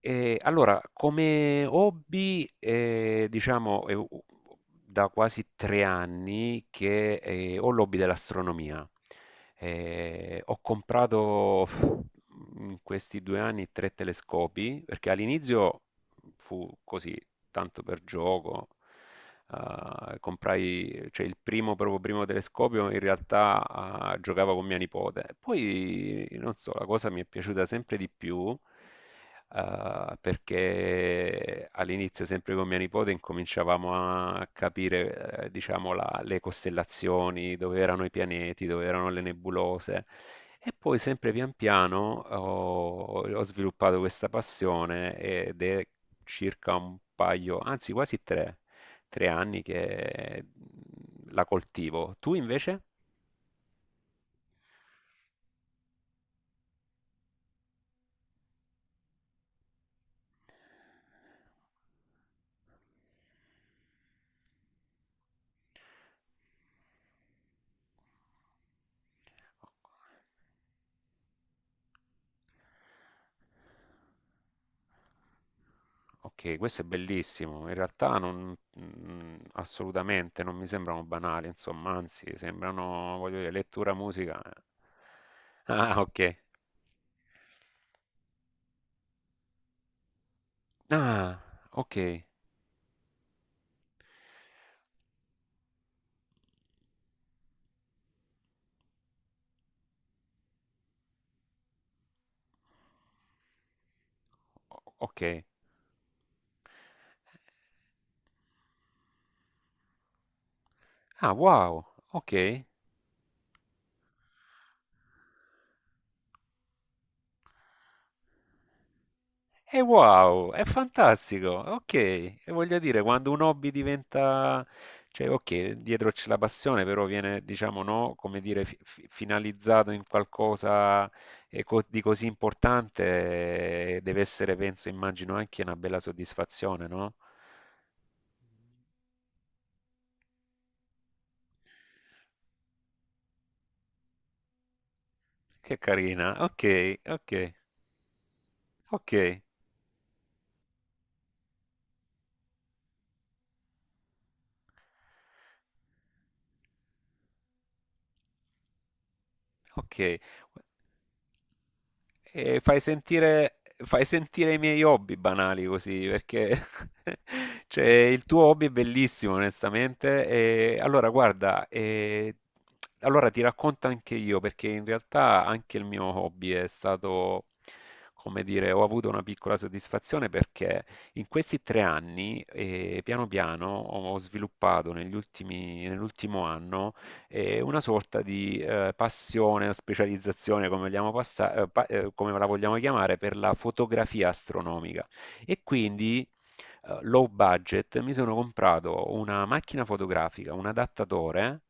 Allora, come hobby, diciamo è u u da quasi 3 anni che, ho l'hobby dell'astronomia. Ho comprato in questi 2 anni 3 telescopi, perché all'inizio fu così, tanto per gioco, comprai, cioè il primo, proprio primo telescopio, in realtà, giocavo con mia nipote. Poi, non so, la cosa mi è piaciuta sempre di più, perché all'inizio, sempre con mia nipote, incominciavamo a capire, diciamo, le costellazioni, dove erano i pianeti, dove erano le nebulose. E poi, sempre pian piano, ho sviluppato questa passione, ed è circa un paio, anzi quasi tre anni che la coltivo. Tu invece? Ok, questo è bellissimo. In realtà non, assolutamente, non mi sembrano banali, insomma, anzi, sembrano, voglio dire, lettura, musica. Eh. Ah, ok. Ah, ok. Ok. Ah, wow. Ok. E wow, è fantastico. Ok, e voglio dire, quando un hobby diventa, cioè, ok, dietro c'è la passione, però viene, diciamo, no, come dire, finalizzato in qualcosa di così importante, deve essere, penso, immagino, anche una bella soddisfazione, no? Che carina. Ok, ok, ok. Ok. E fai sentire i miei hobby banali così, perché cioè, il tuo hobby è bellissimo, onestamente. E allora, guarda, allora ti racconto anche io, perché in realtà anche il mio hobby è stato, come dire, ho avuto una piccola soddisfazione, perché in questi 3 anni, piano piano, ho sviluppato nell'ultimo anno e una sorta di passione o specializzazione, come vogliamo come la vogliamo chiamare, per la fotografia astronomica. E quindi, low budget, mi sono comprato una macchina fotografica, un adattatore.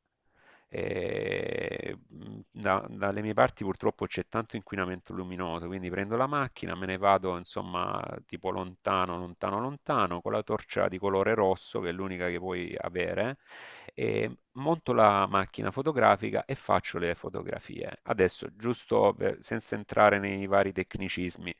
E dalle mie parti purtroppo c'è tanto inquinamento luminoso, quindi prendo la macchina, me ne vado insomma tipo lontano, lontano, lontano, con la torcia di colore rosso che è l'unica che puoi avere, e monto la macchina fotografica e faccio le fotografie. Adesso, giusto senza entrare nei vari tecnicismi,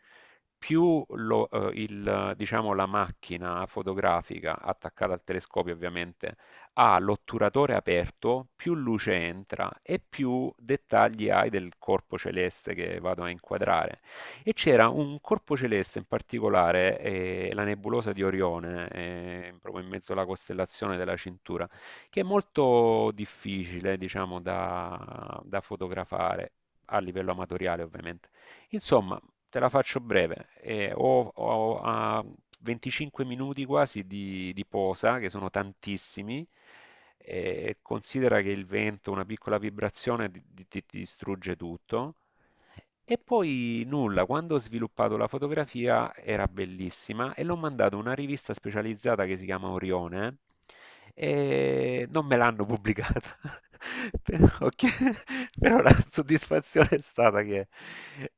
più il, diciamo, la macchina fotografica attaccata al telescopio, ovviamente, ha l'otturatore aperto, più luce entra e più dettagli hai del corpo celeste che vado a inquadrare. E c'era un corpo celeste in particolare, la nebulosa di Orione, proprio in mezzo alla costellazione della Cintura, che è molto difficile, diciamo, da fotografare a livello amatoriale, ovviamente. Insomma, te la faccio breve. Ho 25 minuti quasi di posa, che sono tantissimi. Considera che il vento, una piccola vibrazione ti, ti distrugge tutto. E poi nulla, quando ho sviluppato la fotografia era bellissima, e l'ho mandato a una rivista specializzata che si chiama Orione, e non me l'hanno pubblicata. Però, che- Però la soddisfazione è stata che,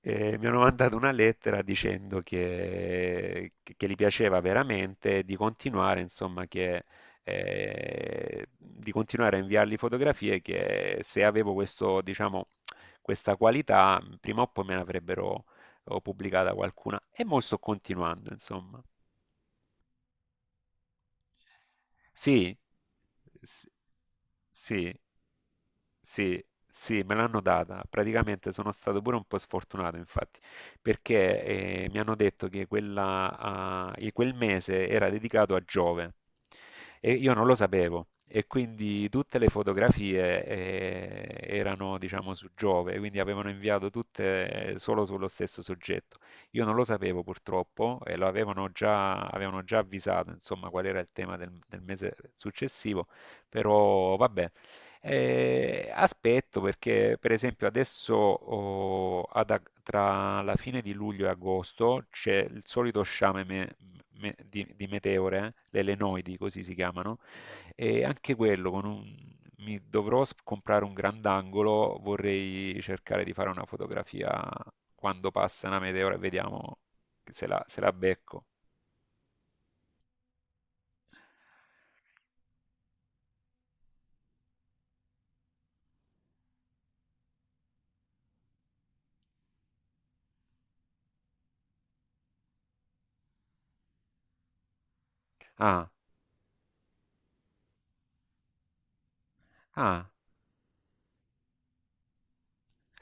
mi hanno mandato una lettera dicendo che, gli piaceva veramente, di continuare, insomma, di continuare a inviargli fotografie, che se avevo questo, diciamo, questa qualità, prima o poi me ne avrebbero pubblicata qualcuna, e mo' sto continuando, insomma. Sì, s- sì, sì, sì, me l'hanno data. Praticamente sono stato pure un po' sfortunato, infatti, perché mi hanno detto che quella, ah, e quel mese era dedicato a Giove, e io non lo sapevo. E quindi tutte le fotografie erano, diciamo, su Giove, quindi avevano inviato tutte solo sullo stesso soggetto. Io non lo sapevo, purtroppo, e avevano già avvisato, insomma, qual era il tema del mese successivo, però vabbè. Aspetto perché, per esempio, adesso, tra la fine di luglio e agosto c'è il solito sciame di meteore, le lenoidi, così si chiamano, e anche quello con mi dovrò comprare un grandangolo, vorrei cercare di fare una fotografia quando passa una meteora e vediamo se la becco. Ah, ah,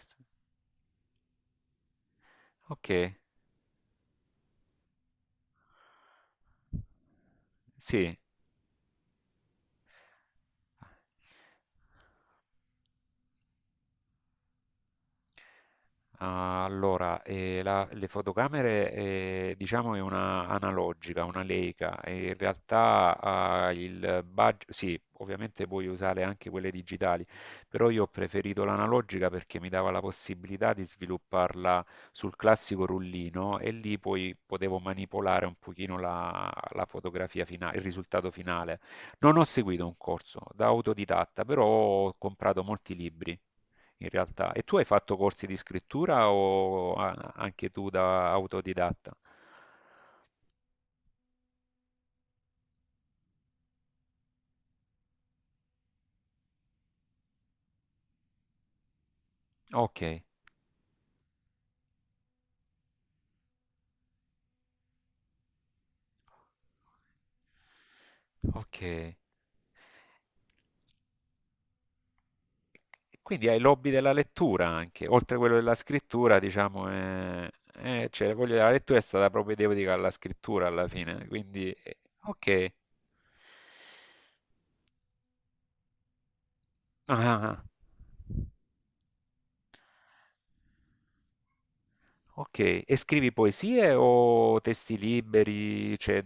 s- ok, sì. Ah. Allora, le fotocamere, diciamo, è una analogica, una Leica, e in realtà, il budget, sì, ovviamente puoi usare anche quelle digitali, però io ho preferito l'analogica perché mi dava la possibilità di svilupparla sul classico rullino, e lì poi potevo manipolare un pochino la fotografia finale, il risultato finale. Non ho seguito un corso, da autodidatta, però ho comprato molti libri, in realtà. E tu hai fatto corsi di scrittura, o anche tu da autodidatta? Ok, ok. Quindi hai l'hobby della lettura anche, oltre a quello della scrittura, diciamo, cioè, voglio dire, la lettura è stata propedeutica alla scrittura alla fine, quindi ok. Ah, ah, ah, ok, e scrivi poesie o testi liberi? Cioè.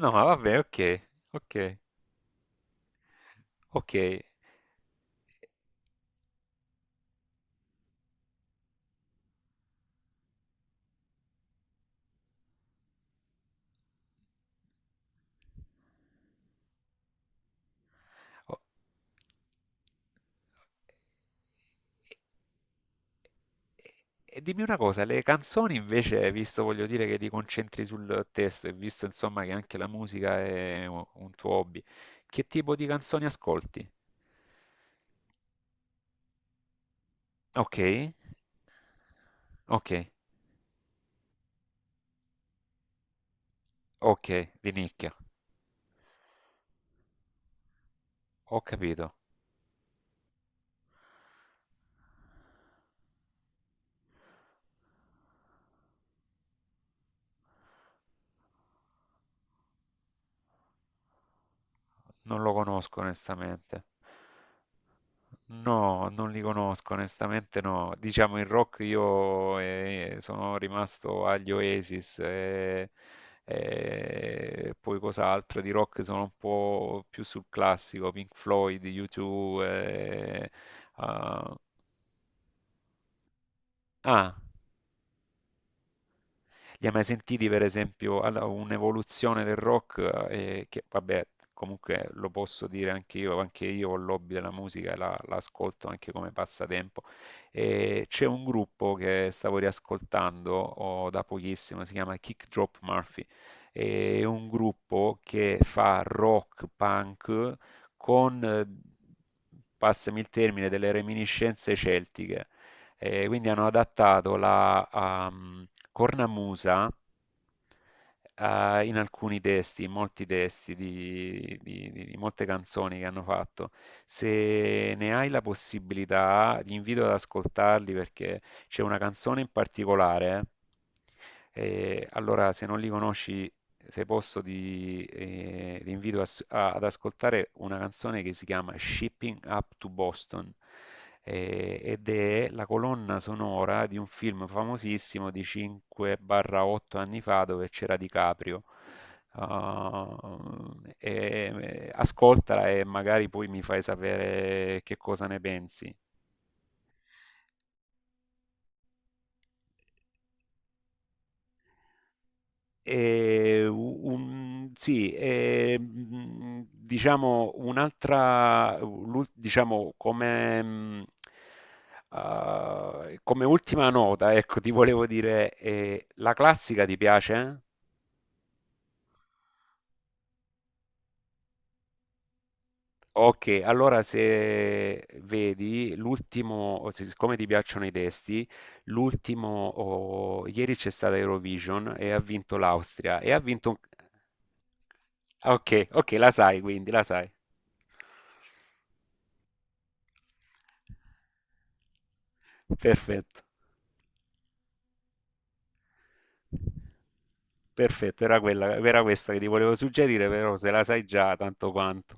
No, vabbè, ok, ok, ok. O- E dimmi una cosa, le canzoni invece, visto, voglio dire, che ti concentri sul testo, e visto, insomma, che anche la musica è un tuo hobby, che tipo di canzoni ascolti? Ok, ok, ok, di nicchia, ho capito, non lo conosco, onestamente. No, non li conosco, onestamente, no. Diciamo in rock io, sono rimasto agli Oasis, e poi cos'altro di rock, sono un po' più sul classico, Pink Floyd, U2. Ah, ah, Li hai mai sentiti, per esempio, un'evoluzione del rock, che vabbè, comunque lo posso dire anche io ho il l'hobby della musica, e la ascolto anche come passatempo. E c'è un gruppo che stavo riascoltando da pochissimo, si chiama Kick Drop Murphy, è un gruppo che fa rock punk con, passami il termine, delle reminiscenze celtiche. E quindi hanno adattato la cornamusa in alcuni testi, in molti testi di molte canzoni che hanno fatto. Se ne hai la possibilità, ti invito ad ascoltarli, perché c'è una canzone in particolare. Allora, se non li conosci, se posso, vi invito a ad ascoltare una canzone che si chiama Shipping Up to Boston, ed è la colonna sonora di un film famosissimo di 5-8 anni fa dove c'era DiCaprio. Ah, ascoltala, e magari poi mi fai sapere che cosa ne pensi. E sì, diciamo un'altra, diciamo come, come ultima nota, ecco, ti volevo dire, la classica ti piace? Ok, allora se vedi l'ultimo, o se- siccome ti piacciono i testi, l'ultimo, ieri c'è stata Eurovision e ha vinto l'Austria, e ha vinto un. Ok, ok, la sai quindi, la sai. Perfetto. Perfetto, era questa che ti volevo suggerire, però se la sai già tanto quanto.